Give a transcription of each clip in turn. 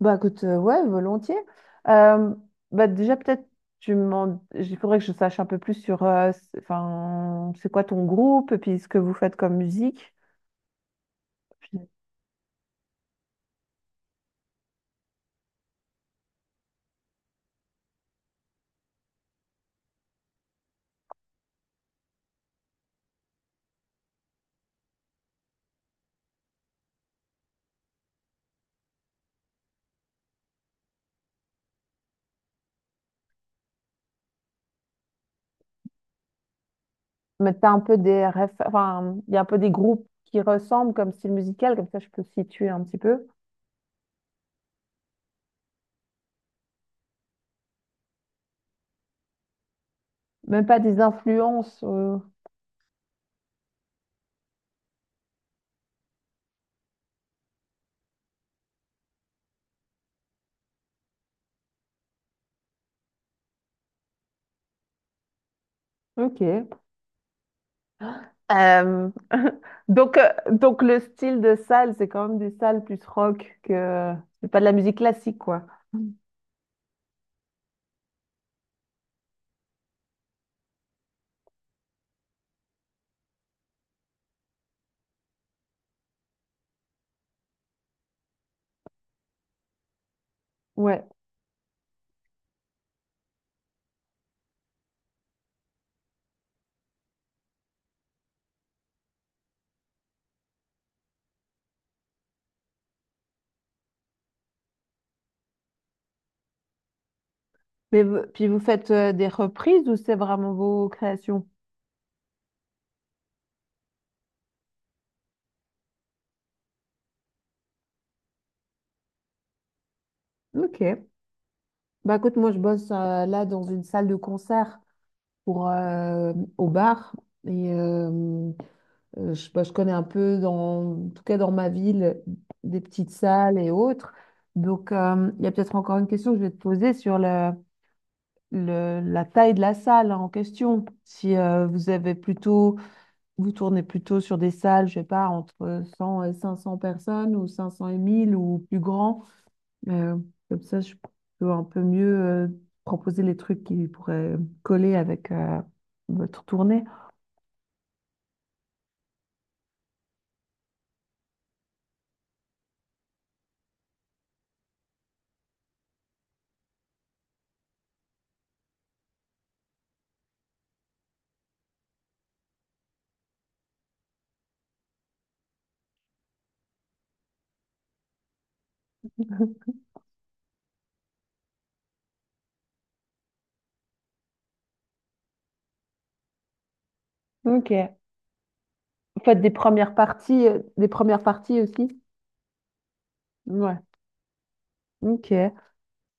Bah écoute, ouais, volontiers. Euh, Bah déjà peut-être Il faudrait que je sache un peu plus sur enfin, c'est quoi ton groupe et puis ce que vous faites comme musique. Puis, Mais t'as un peu des enfin, il y a un peu des groupes qui ressemblent comme style musical, comme ça je peux situer un petit peu. Même pas des influences. Ok. Euh, donc le style de salle, c'est quand même des salles plus rock que c'est pas de la musique classique, quoi. Ouais. Mais puis vous faites des reprises ou c'est vraiment vos créations? Ok. Bah écoute, moi je bosse là dans une salle de concert pour au bar et je, bah, je connais un peu dans, en tout cas dans ma ville, des petites salles et autres. Donc il y a peut-être encore une question que je vais te poser sur le, la taille de la salle en question. Si vous avez plutôt vous tournez plutôt sur des salles, je sais pas, entre 100 et 500 personnes ou 500 et 1000 ou plus grand. Euh, comme ça, je peux un peu mieux proposer les trucs qui pourraient coller avec votre tournée. Ok. Faites des premières parties, des premières parties aussi? Ouais. Ok.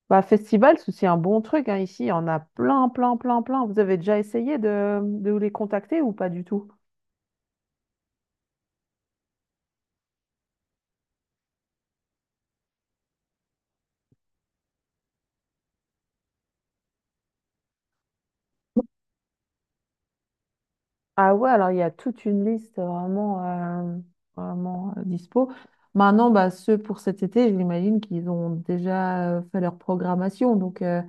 Bah, festival, c'est aussi un bon truc, hein. Ici, il y en a plein, plein, plein, plein. Vous avez déjà essayé de les contacter ou pas du tout? Ah ouais, alors il y a toute une liste vraiment, euh, dispo. Maintenant, bah, ceux pour cet été, j'imagine qu'ils ont déjà fait leur programmation, donc,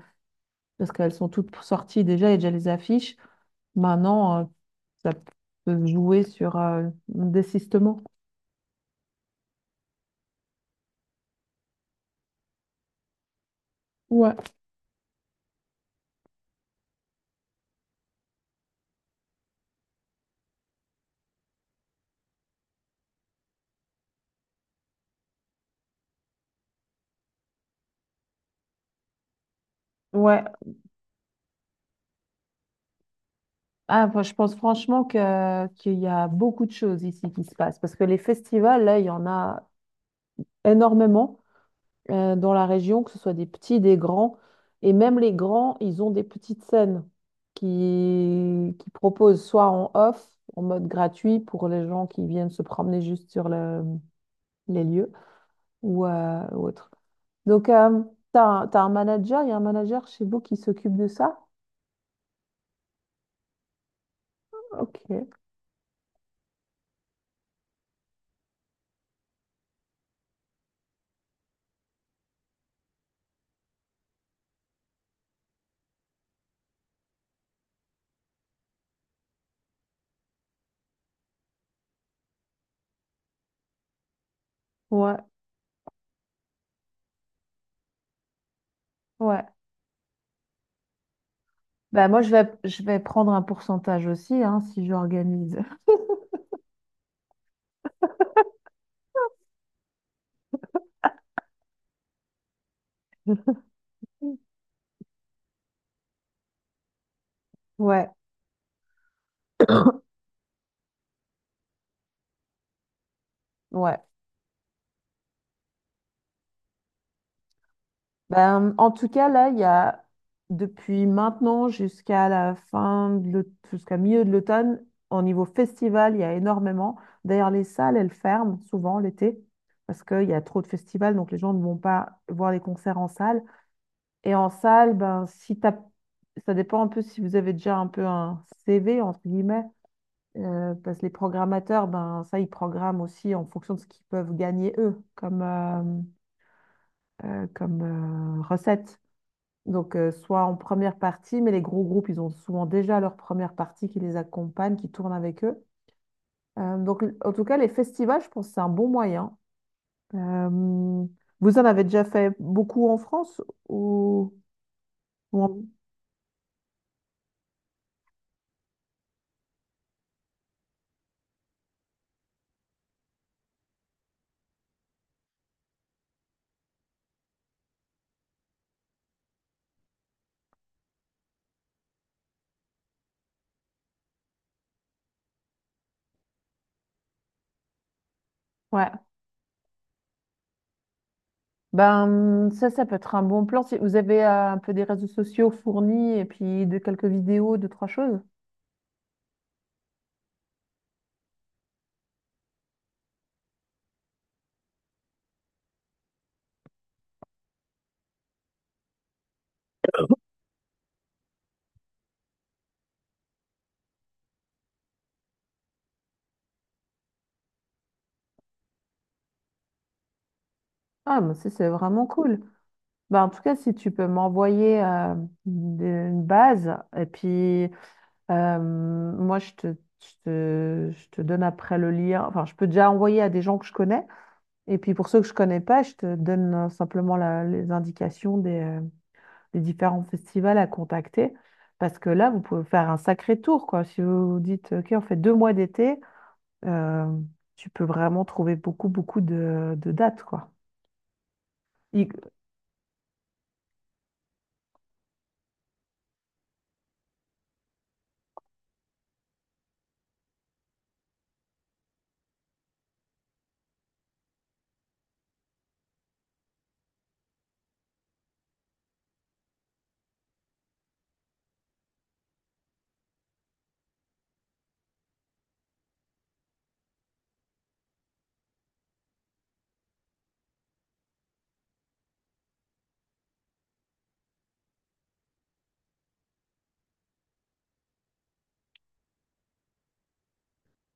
parce qu'elles sont toutes sorties déjà, et déjà les affiches. Maintenant, ça peut se jouer sur un désistement. Ouais. Ouais. Ah, moi, je pense franchement qu'il y a beaucoup de choses ici qui se passent, parce que les festivals, là, il y en a énormément. Dans la région, que ce soit des petits, des grands. Et même les grands, ils ont des petites scènes qui proposent soit en off, en mode gratuit pour les gens qui viennent se promener juste sur le- les lieux ou autre. Donc, tu as, un t'as un manager, il y a un manager chez vous qui s'occupe de ça? Ok, ouais, ouais. Bah, je vais prendre un pourcentage aussi, hein, si j'organise. Ouais, ouais. Ben, en tout cas, là, il y a depuis maintenant jusqu'à la fin, jusqu'à milieu de l'automne, au niveau festival, il y a énormément. D'ailleurs, les salles, elles ferment souvent l'été parce qu'il y a trop de festivals, donc les gens ne vont pas voir les concerts en salle. Et en salle, ben, si t'as... ça dépend un peu si vous avez déjà un peu un CV, entre guillemets, parce que les programmateurs, ben, ça, ils programment aussi en fonction de ce qu'ils peuvent gagner eux comme, comme recette. Donc, soit en première partie, mais les gros groupes, ils ont souvent déjà leur première partie qui les accompagne, qui tourne avec eux. Donc, en tout cas, les festivals, je pense que c'est un bon moyen. Euh, Vous en avez déjà fait beaucoup en France ou... ou en- Ouais. Ben, ça peut être un bon plan. Si vous avez un peu des réseaux sociaux fournis et puis de quelques vidéos, deux, trois choses. Ah, mais ça, c'est vraiment cool. Ben, en tout cas, si tu peux m'envoyer une base et puis... moi, je te donne après le lien. Enfin, je peux déjà envoyer à des gens que je connais. Et puis pour ceux que je connais pas, je te donne simplement les indications des différents festivals à contacter. Parce que là, vous pouvez faire un sacré tour, quoi. Si vous vous dites, OK, on fait deux mois d'été, euh, tu peux vraiment trouver beaucoup, beaucoup de dates, quoi. Il-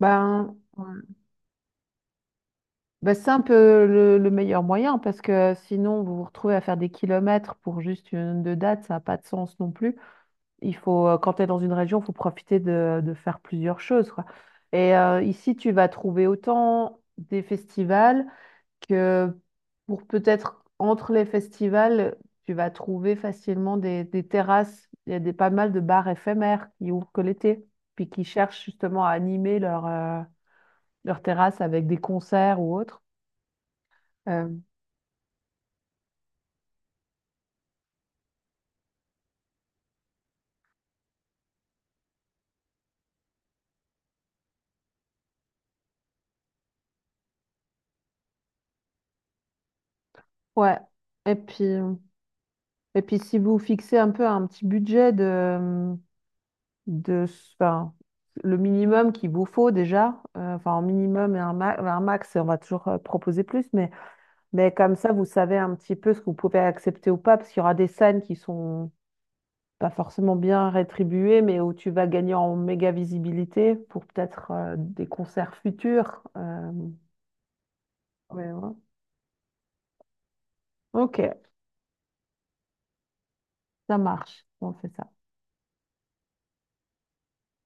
ben, Bah, c'est un peu le meilleur moyen parce que sinon vous vous retrouvez à faire des kilomètres pour juste une deux dates, ça n'a pas de sens non plus. Il faut, quand tu es dans une région, il faut profiter de faire plusieurs choses, quoi. Et ici, tu vas trouver autant des festivals que pour peut-être entre les festivals, tu vas trouver facilement des terrasses. Il y a des, pas mal de bars éphémères qui ouvrent que l'été, puis qui cherchent justement à animer leur, leur terrasse avec des concerts ou autres. Euh, Ouais. Et puis, et puis si vous fixez un peu un petit budget de, enfin, le minimum qu'il vous faut déjà, enfin un minimum et un, un max, on va toujours proposer plus, mais comme ça, vous savez un petit peu ce que vous pouvez accepter ou pas, parce qu'il y aura des scènes qui sont pas forcément bien rétribuées, mais où tu vas gagner en méga visibilité pour peut-être des concerts futurs. Ouais, ouais. Ok, ça marche. On fait ça.